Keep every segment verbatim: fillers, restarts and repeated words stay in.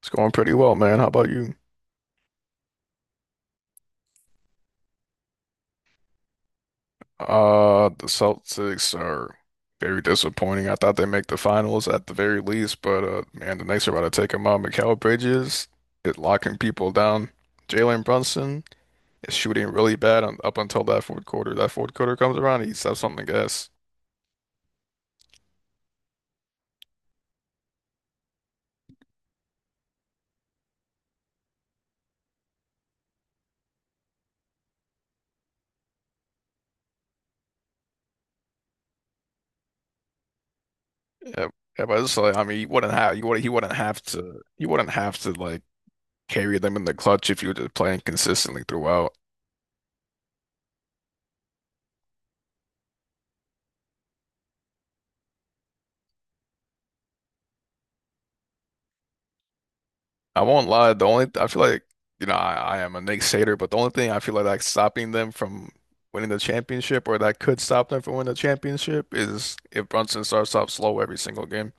It's going pretty well, man. How about you? Uh, the Celtics are very disappointing. I thought they'd make the finals at the very least, but uh, man, the Knicks are about to take them out. Mikal Bridges is locking people down. Jalen Brunson is shooting really bad on, up until that fourth quarter. That fourth quarter comes around, he steps on the gas. Yeah, yeah, but it's like I mean, you wouldn't have you would he wouldn't have to you wouldn't have to like carry them in the clutch if you were just playing consistently throughout. I won't lie. The only I feel like you know I, I am a Sater, but the only thing I feel like like stopping them from winning the championship or that could stop them from winning the championship is if Brunson starts off slow every single game.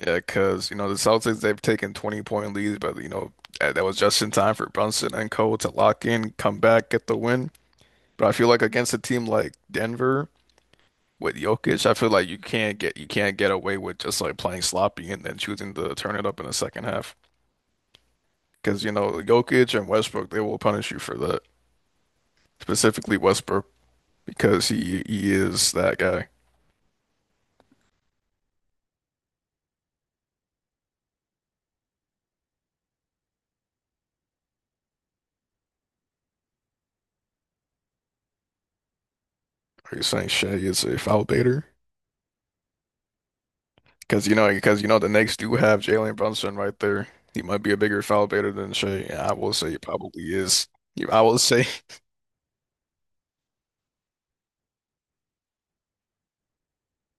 Yeah, because you know the Celtics they've taken twenty point leads, but you know that, that was just in time for Brunson and Co to lock in, come back, get the win. But I feel like against a team like Denver with Jokic, I feel like you can't get you can't get away with just like playing sloppy and then choosing to turn it up in the second half. Because, you know, Jokic and Westbrook, they will punish you for that. Specifically Westbrook, because he he is that guy. Are you saying Shea is a foul baiter? Because you know, because you know, the Knicks do have Jalen Brunson right there. He might be a bigger foul baiter than Shea, and I will say he probably is. Yeah, I will say,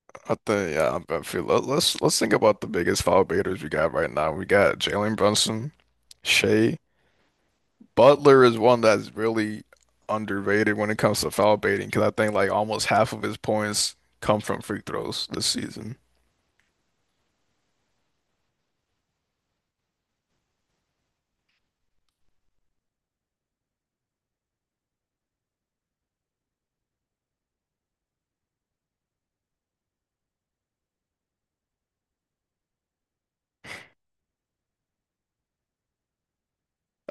I think, yeah, I feel. Let, let's let's think about the biggest foul baiters we got right now. We got Jalen Brunson, Shea, Butler is one that's really underrated when it comes to foul baiting because I think like almost half of his points come from free throws this season.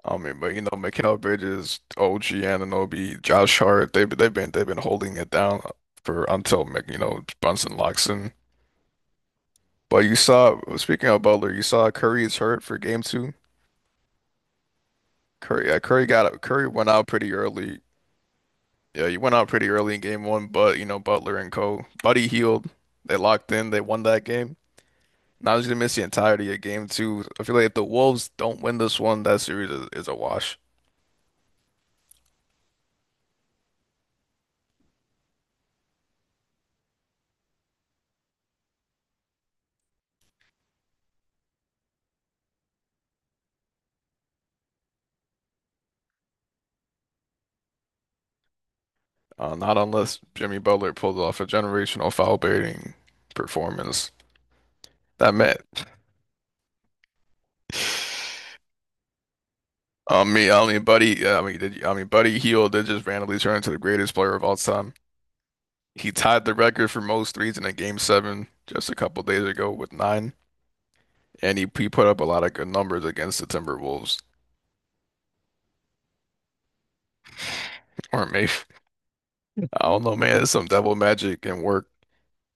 I mean, but you know, Mikal Bridges, O G Anunoby, Josh Hart, they've they've been they've been holding it down for until like, you know Brunson locks in. But you saw, speaking of Butler, you saw Curry is hurt for game two. Curry, yeah, Curry got Curry went out pretty early. Yeah, he went out pretty early in game one, but you know Butler and Co. Buddy healed. They locked in. They won that game. Now just gonna miss the entirety of game two. I feel like if the Wolves don't win this one, that series is, is a wash. Uh, not unless Jimmy Butler pulls off a generational foul-baiting performance. That meant, I mean, I mean, Buddy, yeah, I mean, did, I mean, Buddy Hield did just randomly turn into the greatest player of all time. He tied the record for most threes in a game seven just a couple days ago with nine, and he, he put up a lot of good numbers against the Timberwolves. Or maybe I don't know, man. It's some devil magic and work.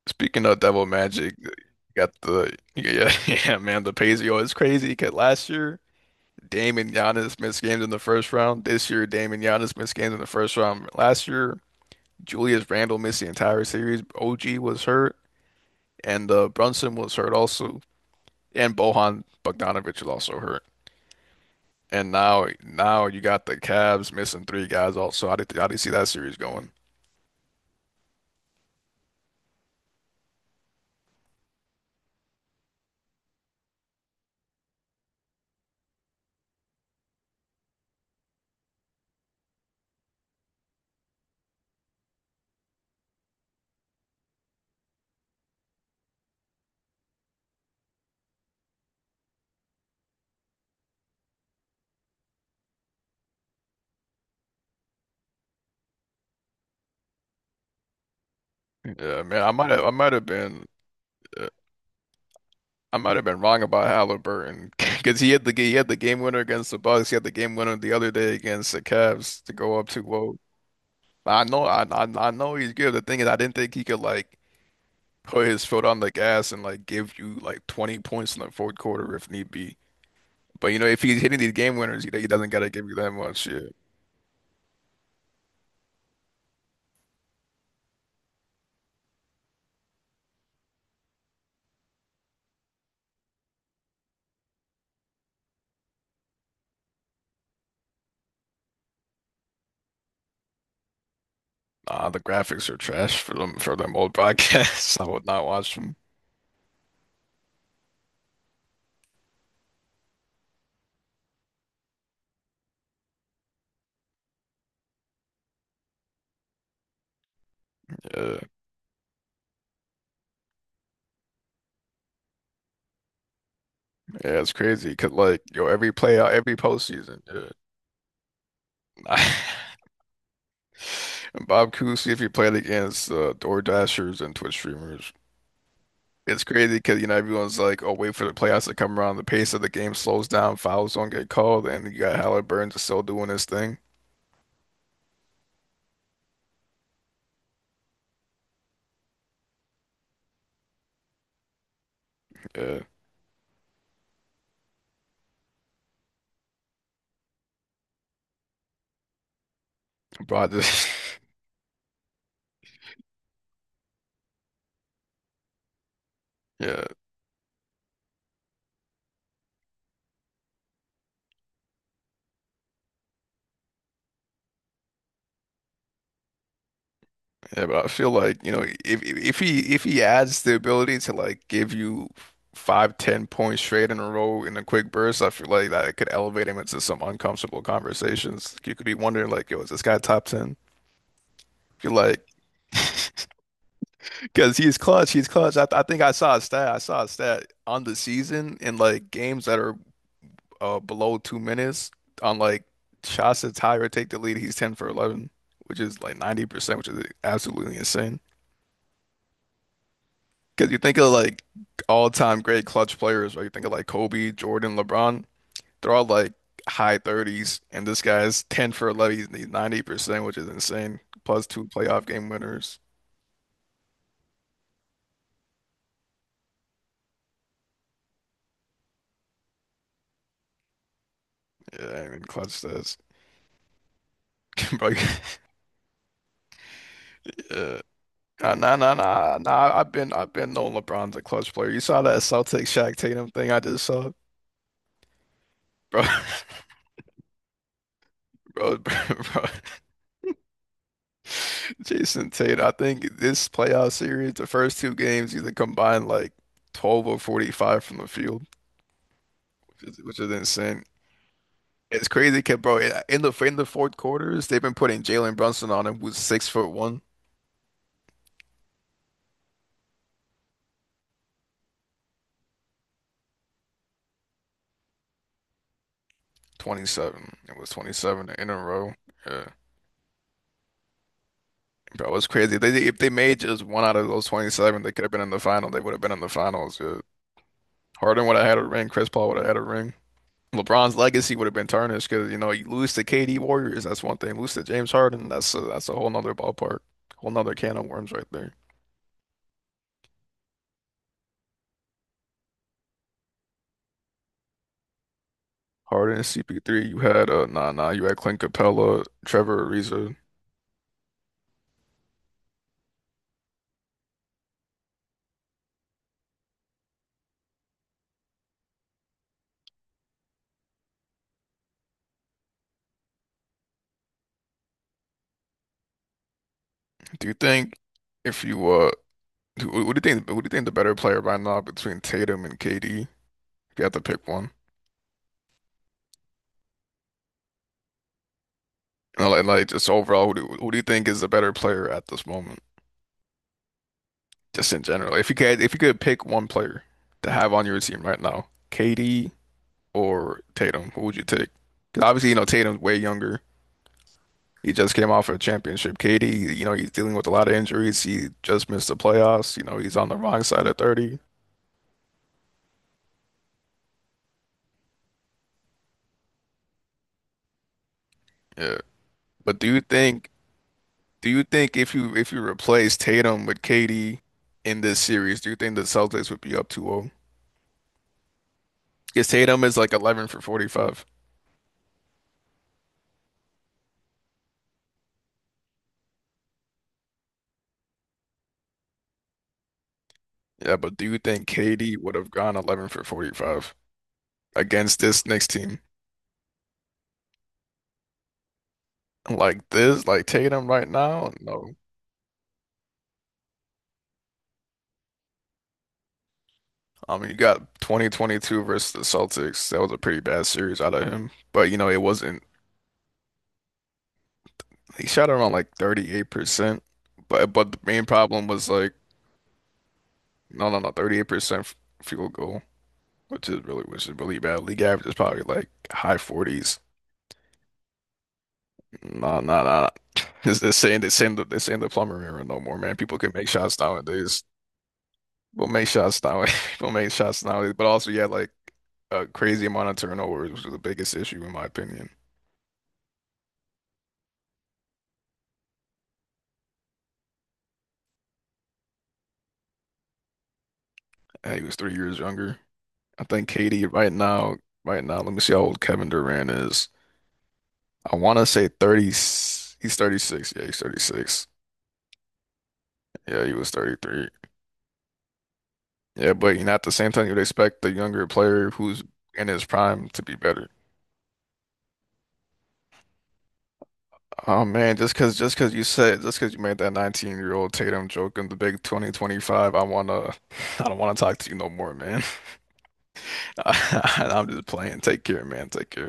Speaking of Devil Magic, you got the yeah, yeah, man, the pay's is crazy because last year Dame and Giannis missed games in the first round. This year Dame and Giannis missed games in the first round. Last year Julius Randle missed the entire series. O G was hurt and uh, Brunson was hurt also, and Bohan Bogdanovic was also hurt. And now now you got the Cavs missing three guys also. How did how do you see that series going? Yeah, man, I might have I might have been. uh, I might have been wrong about Halliburton because he had the he had the game winner against the Bucks. He had the game winner the other day against the Cavs to go up two oh. I know, I, I I know he's good. The thing is, I didn't think he could like put his foot on the gas and like give you like twenty points in the fourth quarter if need be. But you know, if he's hitting these game winners, he, he doesn't gotta give you that much. Yeah. Nah, the graphics are trash for them for them old broadcasts. I would not watch them. Yeah, yeah, it's crazy because like yo, every playout, every postseason. Yeah. And Bob Cousy, if you played against uh, DoorDashers and Twitch streamers, it's crazy because you know everyone's like, "Oh, wait for the playoffs to come around." The pace of the game slows down, fouls don't get called, and you got Halliburton just still doing his thing. Yeah, but I just, yeah, yeah. But I feel like you know if if he if he adds the ability to like give you five, ten points straight in a row in a quick burst, I feel like that could elevate him into some uncomfortable conversations. You could be wondering like, "Yo, is this guy top ten?" feel like Because he's clutch, he's clutch. I, I think I saw a stat. I saw a stat on the season in like games that are uh, below two minutes. On like shots that tie or take the lead, he's ten for eleven, which is like ninety percent, which is absolutely insane. Because you think of like all-time great clutch players, right? You think of like Kobe, Jordan, LeBron. They're all like high thirties, and this guy's ten for eleven. He's ninety percent, which is insane. Plus two playoff game winners. Yeah, I mean, clutch stats, bro. Yeah. Nah, nah, nah, nah, nah. I've been, I've been knowing LeBron's a clutch player. You saw that Celtics Shaq Tatum thing I just saw, bro, bro, bro, bro. Jason Tatum. I think this playoff series, the first two games, either combined like twelve or forty-five from the field, which is, which is insane. It's crazy, kid, bro. In the in the fourth quarters, they've been putting Jalen Brunson on him, who's six foot one. Twenty-seven. It was twenty-seven in a row. Yeah. Bro, it's crazy. They If they made just one out of those twenty-seven, they could have been in the final. They would have been in the finals. Uh, Harden would have had a ring. Chris Paul would have had a ring. LeBron's legacy would have been tarnished because you know you lose to K D Warriors. That's one thing. Lose to James Harden. That's a, that's a whole nother ballpark. Whole nother can of worms right there. Harden and C P three. You had uh Nah, nah. You had Clint Capella, Trevor Ariza. Do you think if you uh who who do you think who do you think the better player by now between Tatum and K D? If you had to pick one. And like, like just overall, who do, who do you think is the better player at this moment? Just in general, if you could, if you could pick one player to have on your team right now, K D or Tatum, who would you take? Because obviously, you know, Tatum's way younger. He just came off a championship. K D, you know, he's dealing with a lot of injuries. He just missed the playoffs. You know, he's on the wrong side of thirty. Yeah. But do you think, do you think if you if you replace Tatum with K D in this series, do you think the Celtics would be up two zero? Because Tatum is like eleven for forty-five. Yeah, but do you think K D would have gone eleven for forty-five against this Knicks team? Like this, like Tatum right now? No. I mean, you got twenty twenty-two versus the Celtics. That was a pretty bad series out of him. But, you know, it wasn't, he shot around like thirty-eight percent. But but the main problem was like, no, no, no, thirty-eight percent f- field goal, which is really, which is really bad. League average is probably like high forties. No, no, no. It's the same, the same, the same, the plumber era no more, man. People can make shots nowadays. We'll make shots now. We'll make shots now. But also, you had like a crazy amount of turnovers, which was the biggest issue in my opinion. And he was three years younger. I think K D right now, right now, let me see how old Kevin Durant is. I want to say thirty. He's thirty-six. Yeah, he's thirty-six. Yeah, he was thirty-three. Yeah, but you know, at the same time, you'd expect the younger player who's in his prime to be better. Oh man, just cause just cause you said just cause you made that nineteen year old Tatum joke in the big twenty twenty-five, I wanna I don't wanna talk to you no more, man. I'm just playing. Take care, man. Take care.